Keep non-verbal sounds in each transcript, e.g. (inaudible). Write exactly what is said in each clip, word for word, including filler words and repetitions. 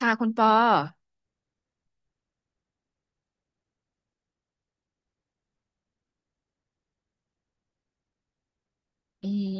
ค่ะคุณปออืม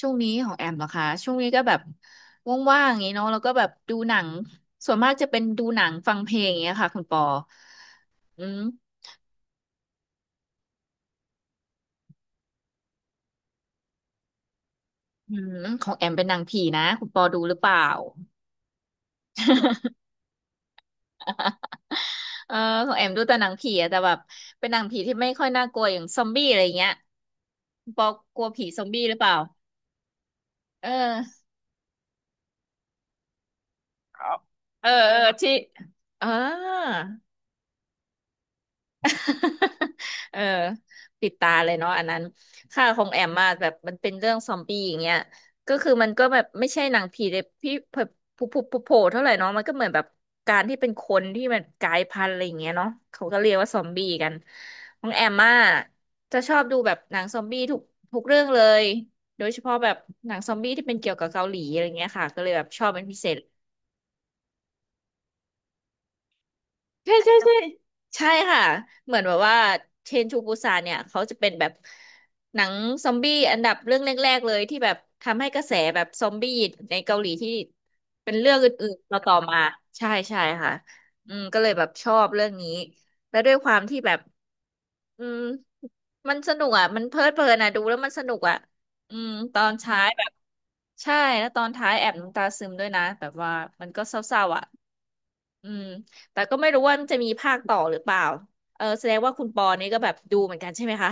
ช่วงนี้ของแอมเหรอคะช่วงนี้ก็แบบว่างๆอย่างนี้เนาะแล้วก็แบบดูหนังส่วนมากจะเป็นดูหนังฟังเพลงอย่างเงี้ยค่ะคุณปออืมอืมของแอมเป็นหนังผีนะคุณปอดูหรือเปล่า (laughs) เออของแอมดูแต่หนังผีอะแต่แบบเป็นหนังผีที่ไม่ค่อยน่ากลัวอย่างซอมบี้อะไรเงี้ยคุณปอกลัวผีซอมบี้หรือเปล่าเออเออเออที่เออ (laughs) เออปิดตาเลยเนาะอันนั้นค่าของแอมมาแบบมันเป็นเรื่องซอมบี้อย่างเงี้ยก็คือมันก็แบบไม่ใช่หนังผีเลยพี่บผุผุผุโผล่เท่าไหร่เนาะมันก็เหมือนแบบการที่เป็นคนที่มันกลายพันธุ์อะไรอย่างเงี้ยเนาะเขาก็เรียกว่าซอมบี้กันของแอมมาจะชอบดูแบบหนังซอมบี้ทุกทุกเรื่องเลยโดยเฉพาะแบบหนังซอมบี้ที่เป็นเกี่ยวกับเกาหลีอะไรเงี้ยค่ะก็เลยแบบชอบเป็นพิเศษ ใช่ใช่ใช่ใช่ค่ะเหมือนแบบว่าเชนชูปูซานเนี่ยเขาจะเป็นแบบหนังซอมบี้อันดับเรื่องแรกๆเลยที่แบบทำให้กระแสแบบซอมบี้ในเกาหลีที่เป็นเรื่องอื่นๆต่อๆมาใช่ใช่ค่ะอืมก็เลยแบบชอบเรื่องนี้แล้วด้วยความที่แบบอืมมันสนุกอ่ะมันเพลิดเพลินอ่ะดูแล้วมันสนุกอ่ะอืมตอนท้ายแบบใช่แล้วตอนท้ายแอบน้ำตาซึมด้วยนะแบบว่ามันก็เศร้าๆอ่ะ อืมแต่ก็ไม่รู้ว่าจะมีภาคต่อหรือเปล่าเออแสดงว่าคุณปอนี่ก็แบบดูเหมือนกันใช่ไหมคะ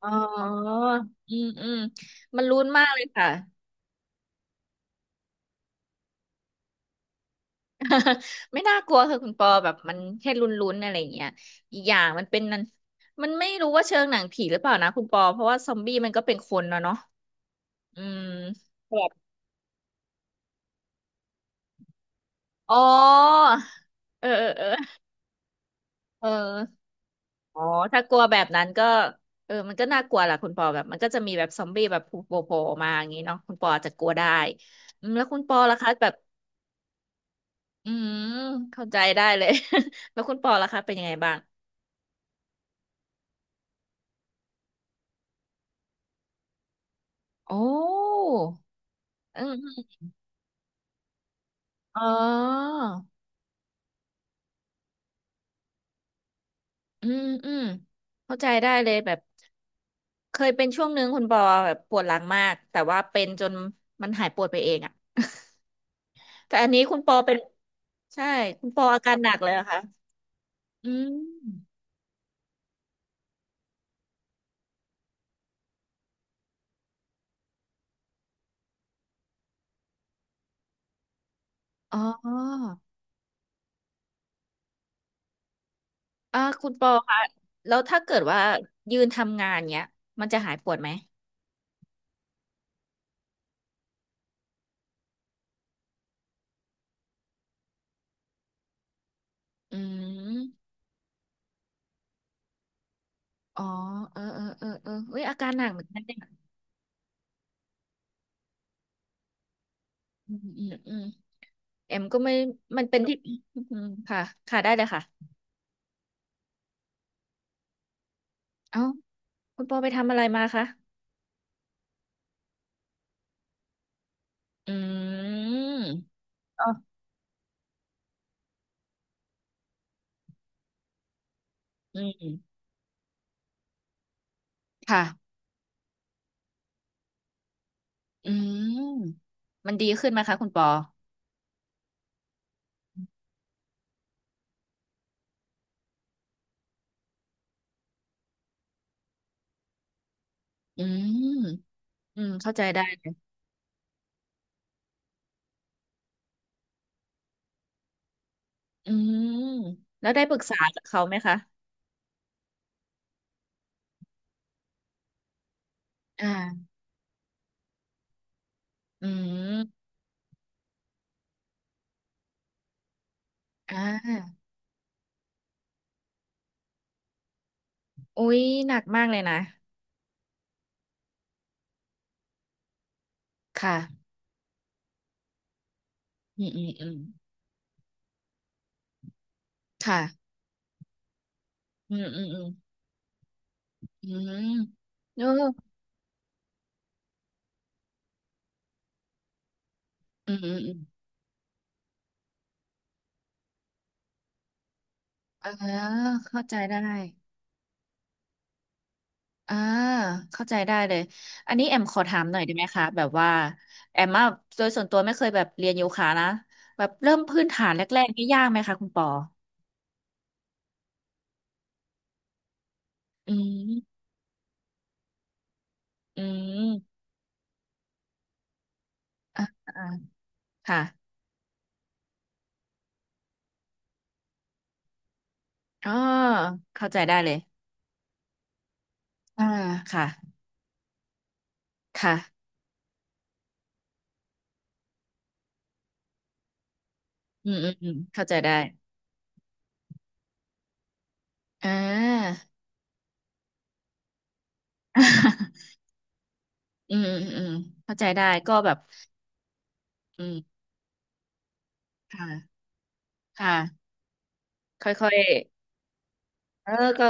อ๋ออืมอืมมันลุ้นมากเลยค่ะ (laughs) ไม่น่ากลัวค่ะคุณปอแบบมันแค่ลุ้นๆอะไรอย่างเงี้ยอีกอย่างมันเป็นนันมันไม่รู้ว่าเชิงหนังผีหรือเปล่านะคุณปอเพราะว่าซอมบี้มันก็เป็นคนเนาะเนาะอืมแบบอ๋อเออเออเออเออ อ๋อ ถ้ากลัวแบบนั้นก็เออมันก็น่ากลัวแหละคุณปอแบบมันก็จะมีแบบซอมบี้แบบโผล่โผล่มาอย่างนี้เนาะคุณปออาจจะกลัวได้อืมแล้วคุณปอล่ะคะแบบอืมเข้าใจได้เลย (laughs) แล้วคุณปอล่ะคะเป็นยังไงบ้างโอ้อืมอมอ๋ออืมอืมเข้าใจได้เลยแบบเคยเป็นช่วงนึงคุณปอแบบปวดหลังมากแต่ว่าเป็นจนมันหายปวดไปเองอะแต่อันนี้คุณปอเป็นใช่คุณปออาการหนักเลยเหรอคะอืมอ๋อ อ่าคุณปอคะแล้วถ้าเกิดว่ายืนทำงานเนี้ยมันจะหายปวดไหมอืมอ๋อเออเออเออเออเฮ้ยอาการหนักเหมือนกันเนี่ยอืมอืมอืมเอ็มก็ไม่มันเป็นที่อืมค่ะค่ะได้เลยค่ะเอ้าคุณปอไปทำอะไรมาคะอืมอ๋ออืมค่ะอืมมันดีขึ้นไหมคะคุณปออืมอืมเข้าใจได้อืมแล้วได้ปรึกษากับเขาไหมคะอ่าอืมอ่า อุ๊ยหนักมากเลยนะค่ะอืมอืมอืมค่ะอืมอืมอืมอืมเอออืมอืมอืมเเข้าใจได้อ่าเข้าใจได้เลยอันนี้แอมขอถามหน่อยได้ไหมคะแบบว่าแอมอะโดยส่วนตัวไม่เคยแบบเรียนโยคะนะแบบเริ่มพื้นฐานแรกๆนี่ยากไหมคะคุณปออืมอืมอ่าอ่าค่ะอ๋อเข้าใจได้เลยอ่าค่ะค่ะอืมอืมอืมเข้าใจได้อ่า (laughs) อืมอืมอืมเข้าใจได้ก็แบบอืมค่ะค่ะค่อยๆเออก็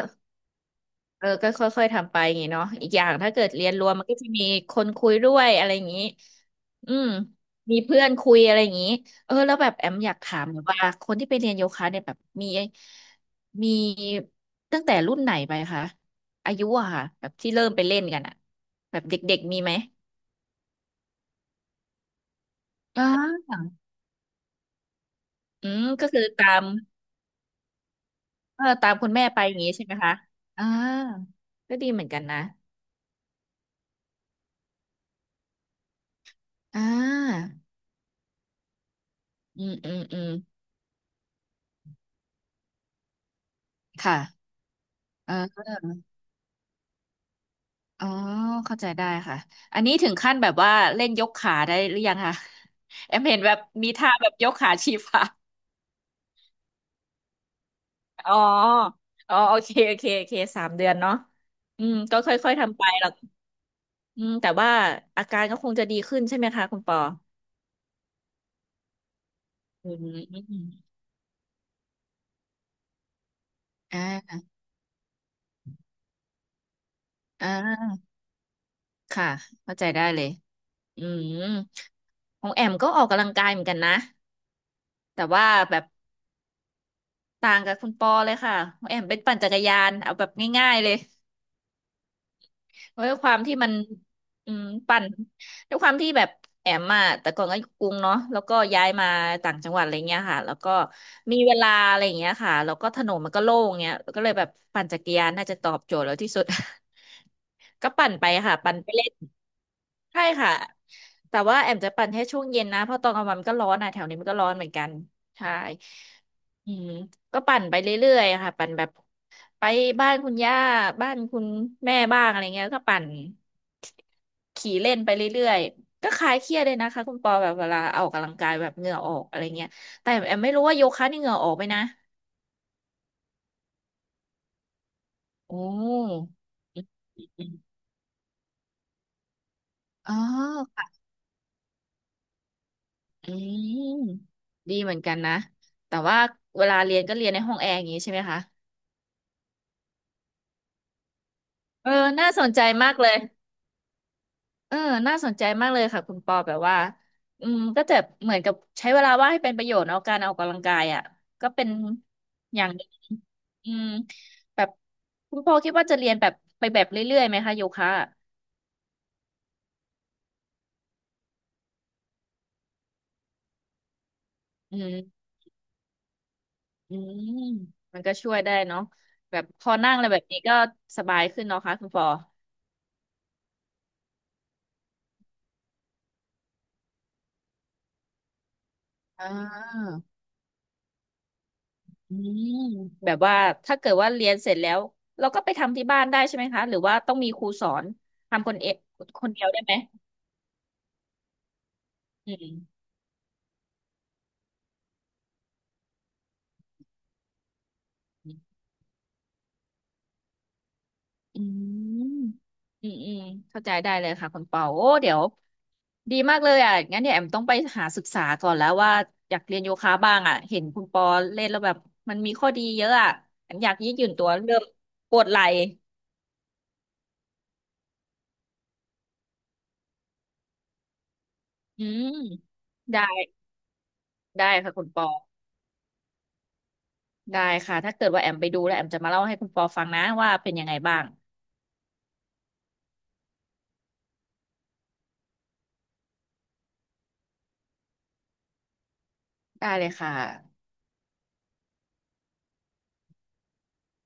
เออก็ค่อยๆทำไปอย่างงี้เนาะอีกอย่างถ้าเกิดเรียนรวมมันก็จะมีคนคุยด้วยอะไรอย่างงี้อืมมีเพื่อนคุยอะไรอย่างงี้เออแล้วแบบแอมอยากถามหน่อยว่าคนที่ไปเรียนโยคะเนี่ยแบบมีมีตั้งแต่รุ่นไหนไปคะอายุอะค่ะแบบที่เริ่มไปเล่นกันอะแบบเด็กๆมีไหมอ่าอืมก็คือตาม เออตามคุณแม่ไปอย่างงี้ใช่ไหมคะอ่าก็ดีเหมือนกันนะอ่าอืมอืมอืมค่ะเอออ๋อเข้าใจได้ค่ะอันนี้ถึงขั้นแบบว่าเล่นยกขาได้หรือยังคะ (laughs) แอมเห็นแบบมีท่าแบบยกขาชี้ฟ้าอ๋ออ๋อโอเคโอเคโอเคสามเดือนเนาะอืมก็ค่อยๆทำไปหรอกอืมแต่ว่าอาการก็คงจะดีขึ้นใช่ไหมคะคุณปออืมอ่าอ่าค่ะเข้าใจได้เลย อืมของแอมก็ออกกำลังกายเหมือนกันนะแต่ว่าแบบต่างกับคุณปอเลยค่ะของแอมเป็นปั่นจักรยานเอาแบบง่ายๆเลยเพราะด้วยความที่มันอืมปั่นด้วยความที่แบบแอมอ่ะแต่ก่อนก็อยู่กรุงเนาะแล้วก็ย้ายมาต่างจังหวัดอะไรเงี้ยค่ะแล้วก็มีเวลาอะไรเงี้ยค่ะแล้วก็ถนนมันก็โล่งเงี้ยก็เลยแบบปั่นจักรยานน่าจะตอบโจทย์แล้วที่สุด (laughs) ก็ปั่นไปค่ะปั่นไปเล่น ใช่ค่ะแต่ว่าแอมจะปั่นให้ช่วงเย็นนะเพราะตอนกลางวันมันก็ร้อนอ่ะแถวนี้มันก็ร้อนเหมือนกันใช่อืมก็ปั่นไปเรื่อยๆค่ะปั่นแบบไปบ้านคุณย่าบ้านคุณแม่บ้างอะไรเงี้ยก็ปั่นขี่เล่นไปเรื่อยๆก็คลายเครียดเลยนะคะคุณปอแบบเวลาออกกำลังกายแบบเหงื่อออกอะไรเงี้ยแต่แอมไม่รู้ว่าโยคะนี่เหงื่อออกไหมนะโอ้อมอ๋อ อืมดีเหมือนกันนะแต่ว่าเวลาเรียนก็เรียนในห้องแอร์อย่างนี้ใช่ไหมคะเออน่าสนใจมากเลยเออน่าสนใจมากเลยค่ะคุณปอแบบว่าอืมก็จะเหมือนกับใช้เวลาว่างให้เป็นประโยชน์เอาการออกกำลังกายอ่ะก็เป็นอย่างหนึ่งอืมแบบคุณปอคิดว่าจะเรียนแบบไปแบบเรื่อยๆไหมคะโยคะอะอืมอืมมันก็ช่วยได้เนาะแบบพอนั่งอะไรแบบนี้ก็สบายขึ้นเนาะคะคุณปออ่า อืมแบบว่าถ้าเกิดว่าเรียนเสร็จแล้วเราก็ไปทำที่บ้านได้ใช่ไหมคะหรือว่าต้องมีครูสอนทำคนเอคนเดียวได้ไหมอืมอืมอืมอืมเข้าใจได้เลยค่ะคุณเปาโอ้เดี๋ยวดีมากเลยอ่ะงั้นเดี๋ยวแอมต้องไปหาศึกษาก่อนแล้วว่าอยากเรียนโยคะบ้างอ่ะเห็นคุณปอเล่นแล้วแบบมันมีข้อดีเยอะอ่ะแอมอยากยืดหยุ่นตัวเริ่มปวดไหล่อืมได้ได้ค่ะคุณปอ ได้ค่ะ ถ้าเกิดว่าแอมไปดูแล้วแอมจะมาเล่าให้คุณปอฟังนะว่าเป็นยังไงบ้างได้เลยค่ะ